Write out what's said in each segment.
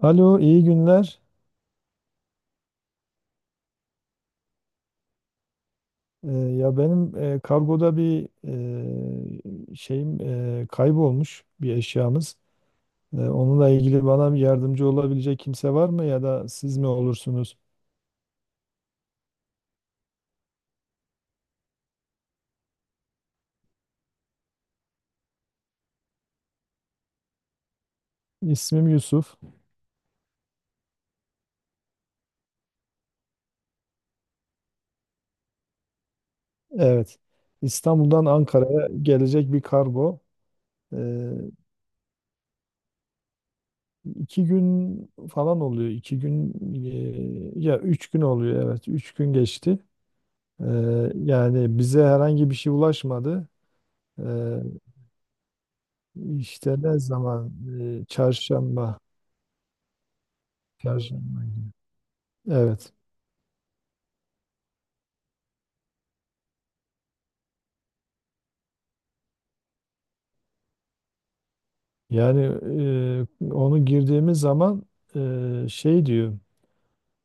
Alo, iyi günler. Ya benim kargoda bir e, şeyim e, kaybolmuş bir eşyamız. Onunla ilgili bana bir yardımcı olabilecek kimse var mı ya da siz mi olursunuz? İsmim Yusuf. Evet. İstanbul'dan Ankara'ya gelecek bir kargo. E, iki gün falan oluyor. Ya üç gün oluyor. Evet, üç gün geçti. E, Yani bize herhangi bir şey ulaşmadı. Ee, İşte ne zaman? Çarşamba. Çarşamba günü. Evet. Yani Onu girdiğimiz zaman e, şey diyor.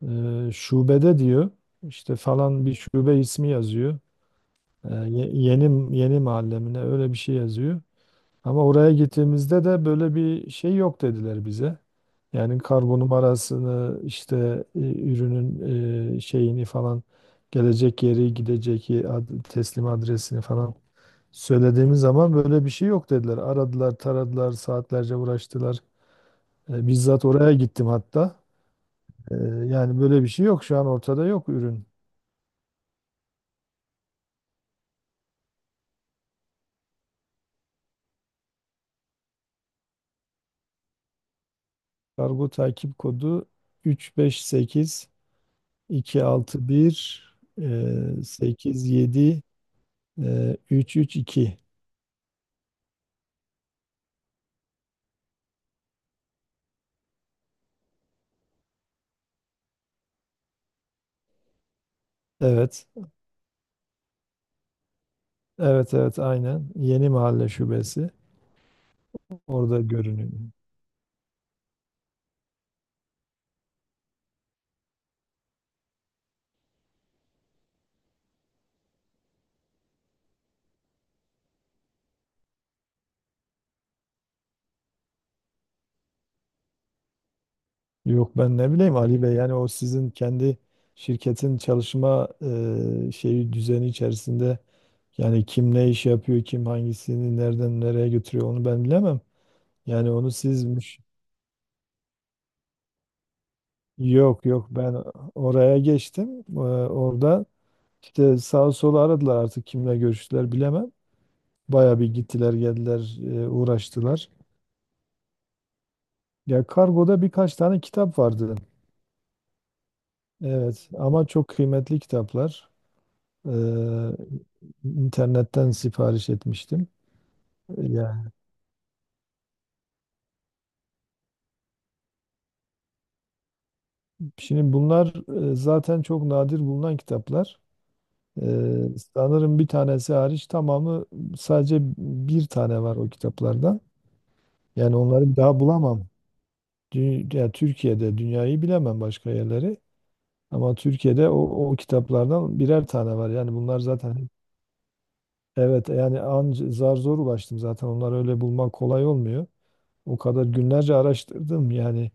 şubede diyor. İşte falan bir şube ismi yazıyor. Yeni yeni mahallemine öyle bir şey yazıyor. Ama oraya gittiğimizde de böyle bir şey yok dediler bize. Yani kargo numarasını ürünün e, şeyini falan gelecek yeri teslim adresini falan söylediğimiz zaman böyle bir şey yok dediler. Aradılar, taradılar, saatlerce uğraştılar. Bizzat oraya gittim hatta. E, Yani böyle bir şey yok. Şu an ortada yok ürün. Kargo takip kodu 358 261 87 332. Evet. Evet aynen. Yeni Mahalle Şubesi. Orada görünüyor. Yok ben ne bileyim Ali Bey, yani o sizin kendi şirketin çalışma e, şeyi düzeni içerisinde. Yani kim ne iş yapıyor, kim hangisini nereden nereye götürüyor onu ben bilemem. Yani onu sizmiş. Yok ben oraya geçtim. Orada işte sağa sola aradılar, artık kimle görüştüler bilemem. Baya bir gittiler geldiler, uğraştılar. Ya kargoda birkaç tane kitap vardı. Evet, ama çok kıymetli kitaplar. Ee, internetten sipariş etmiştim. Yani şimdi bunlar zaten çok nadir bulunan kitaplar. Sanırım bir tanesi hariç tamamı, sadece bir tane var o kitaplardan. Yani onları bir daha bulamam. Ya Türkiye'de, dünyayı bilemem başka yerleri. Ama Türkiye'de o, o kitaplardan birer tane var. Yani bunlar zaten, evet, yani anca zar zor ulaştım zaten. Onları öyle bulmak kolay olmuyor. O kadar günlerce araştırdım, yani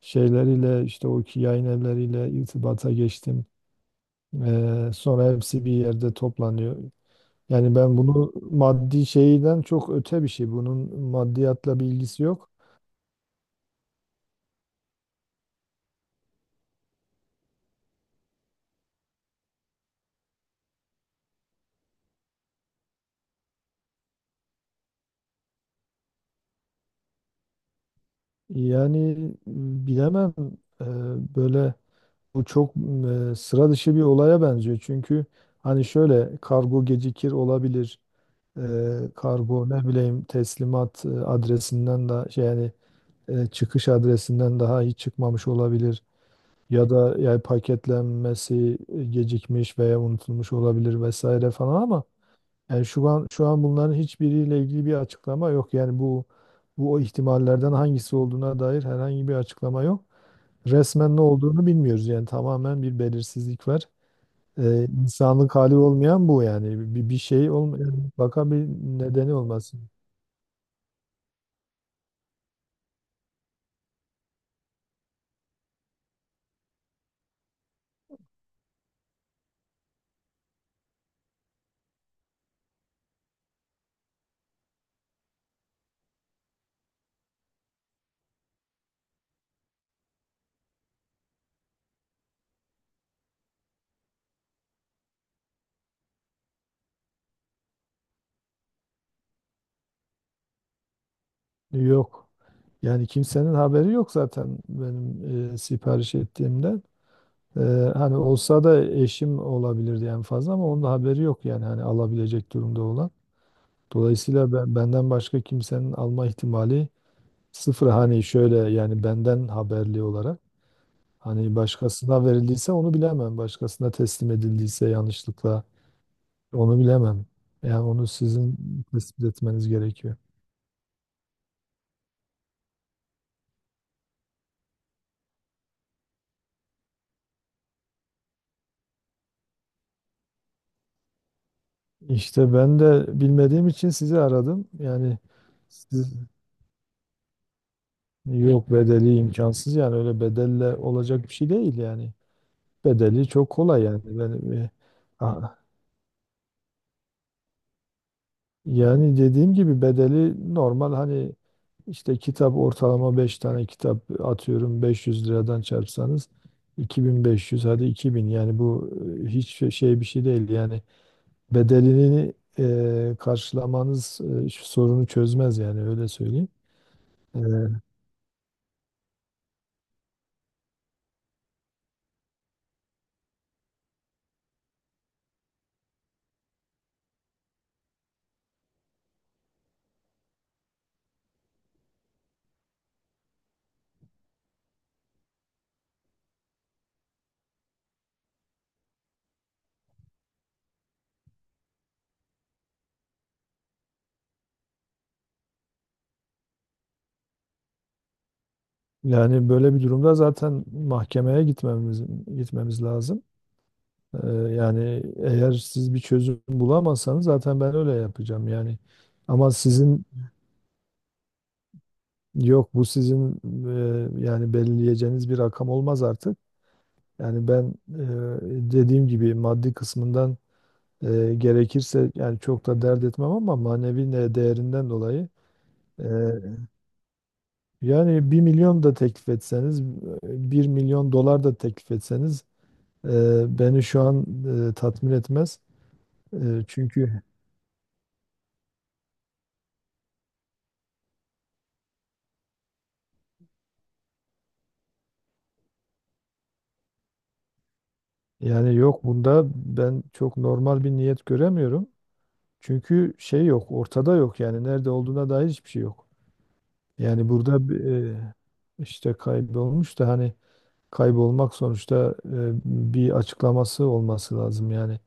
şeyleriyle işte o ki yayın evleriyle irtibata geçtim. Sonra hepsi bir yerde toplanıyor. Yani ben bunu maddi şeyden çok öte bir şey. Bunun maddiyatla bir ilgisi yok. Yani Bilemem, e, böyle bu çok sıra dışı bir olaya benziyor. Çünkü hani şöyle kargo gecikir, olabilir. Kargo ne bileyim, teslimat adresinden de şey yani çıkış adresinden daha hiç çıkmamış olabilir. Ya da yani paketlenmesi gecikmiş veya unutulmuş olabilir vesaire falan, ama yani şu an bunların hiçbiriyle ilgili bir açıklama yok. Yani bu, o ihtimallerden hangisi olduğuna dair herhangi bir açıklama yok. Resmen ne olduğunu bilmiyoruz. Yani tamamen bir belirsizlik var. İnsanlık hali olmayan bu yani. Bir, bir şey olmayan, mutlaka bir nedeni olmasın. Yok. Yani kimsenin haberi yok zaten, benim sipariş ettiğimde. Ee, Hani olsa da eşim olabilirdi en fazla, ama onun da haberi yok yani, hani alabilecek durumda olan. Dolayısıyla ben, benden başka kimsenin alma ihtimali sıfır. Hani şöyle yani benden haberli olarak, hani başkasına verildiyse onu bilemem. Başkasına teslim edildiyse yanlışlıkla onu bilemem. Yani onu sizin tespit etmeniz gerekiyor. İşte ben de bilmediğim için sizi aradım. Yani siz, yok, bedeli imkansız yani, öyle bedelle olacak bir şey değil yani. Bedeli çok kolay yani. Ben, yani dediğim gibi bedeli normal hani işte kitap, ortalama 5 tane kitap atıyorum, 500 liradan çarpsanız 2500, hadi 2000 yani, bu hiç bir şey değil yani, bedelini karşılamanız şu sorunu çözmez yani, öyle söyleyeyim. E, Yani böyle bir durumda zaten mahkemeye gitmemiz gitmemiz lazım. Yani eğer siz bir çözüm bulamazsanız zaten ben öyle yapacağım yani. Ama sizin, yok bu sizin, yani belirleyeceğiniz bir rakam olmaz artık. Yani ben dediğim gibi maddi kısmından, gerekirse yani, çok da dert etmem ama manevi değerinden dolayı, e, yani bir milyon da teklif etseniz, bir milyon dolar da teklif etseniz, beni şu an tatmin etmez. Çünkü yani yok, bunda ben çok normal bir niyet göremiyorum. Çünkü şey yok, ortada yok, yani nerede olduğuna dair hiçbir şey yok. Yani burada bir, e, işte kaybolmuş da, hani kaybolmak sonuçta, bir açıklaması olması lazım yani.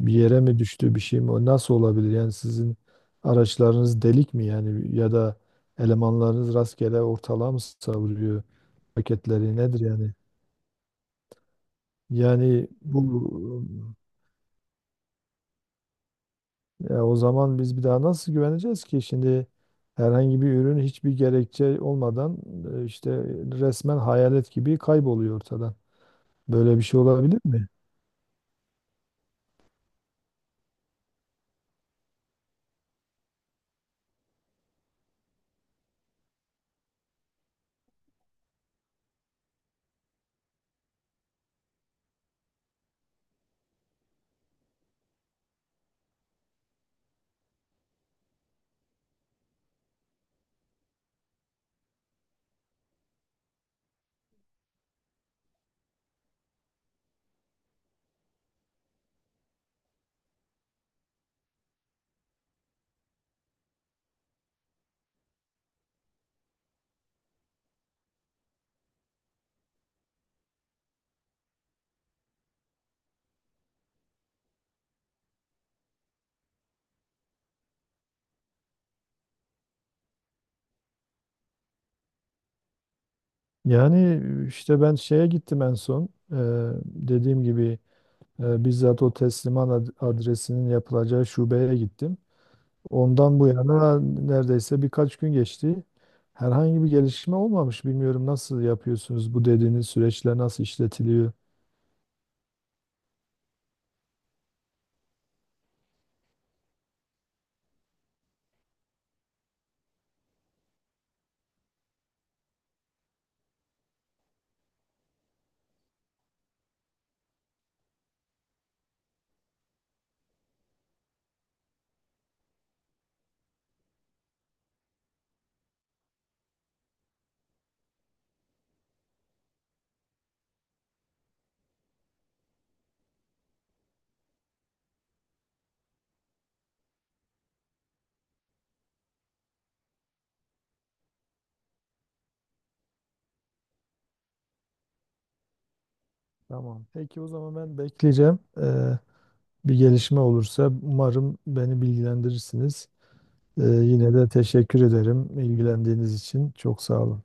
Bir yere mi düştü, bir şey mi, o nasıl olabilir yani? Sizin araçlarınız delik mi yani, ya da elemanlarınız rastgele ortalığa mı savuruyor paketleri, nedir yani? Yani bu, ya o zaman biz bir daha nasıl güveneceğiz ki şimdi? Herhangi bir ürün hiçbir gerekçe olmadan işte resmen hayalet gibi kayboluyor ortadan. Böyle bir şey olabilir mi? Yani işte ben şeye gittim en son. Dediğim gibi, bizzat o teslimat adresinin yapılacağı şubeye gittim. Ondan bu yana neredeyse birkaç gün geçti. Herhangi bir gelişme olmamış. Bilmiyorum nasıl yapıyorsunuz, bu dediğiniz süreçler nasıl işletiliyor? Tamam. Peki o zaman ben bekleyeceğim. Bir gelişme olursa umarım beni bilgilendirirsiniz. Yine de teşekkür ederim ilgilendiğiniz için. Çok sağ olun.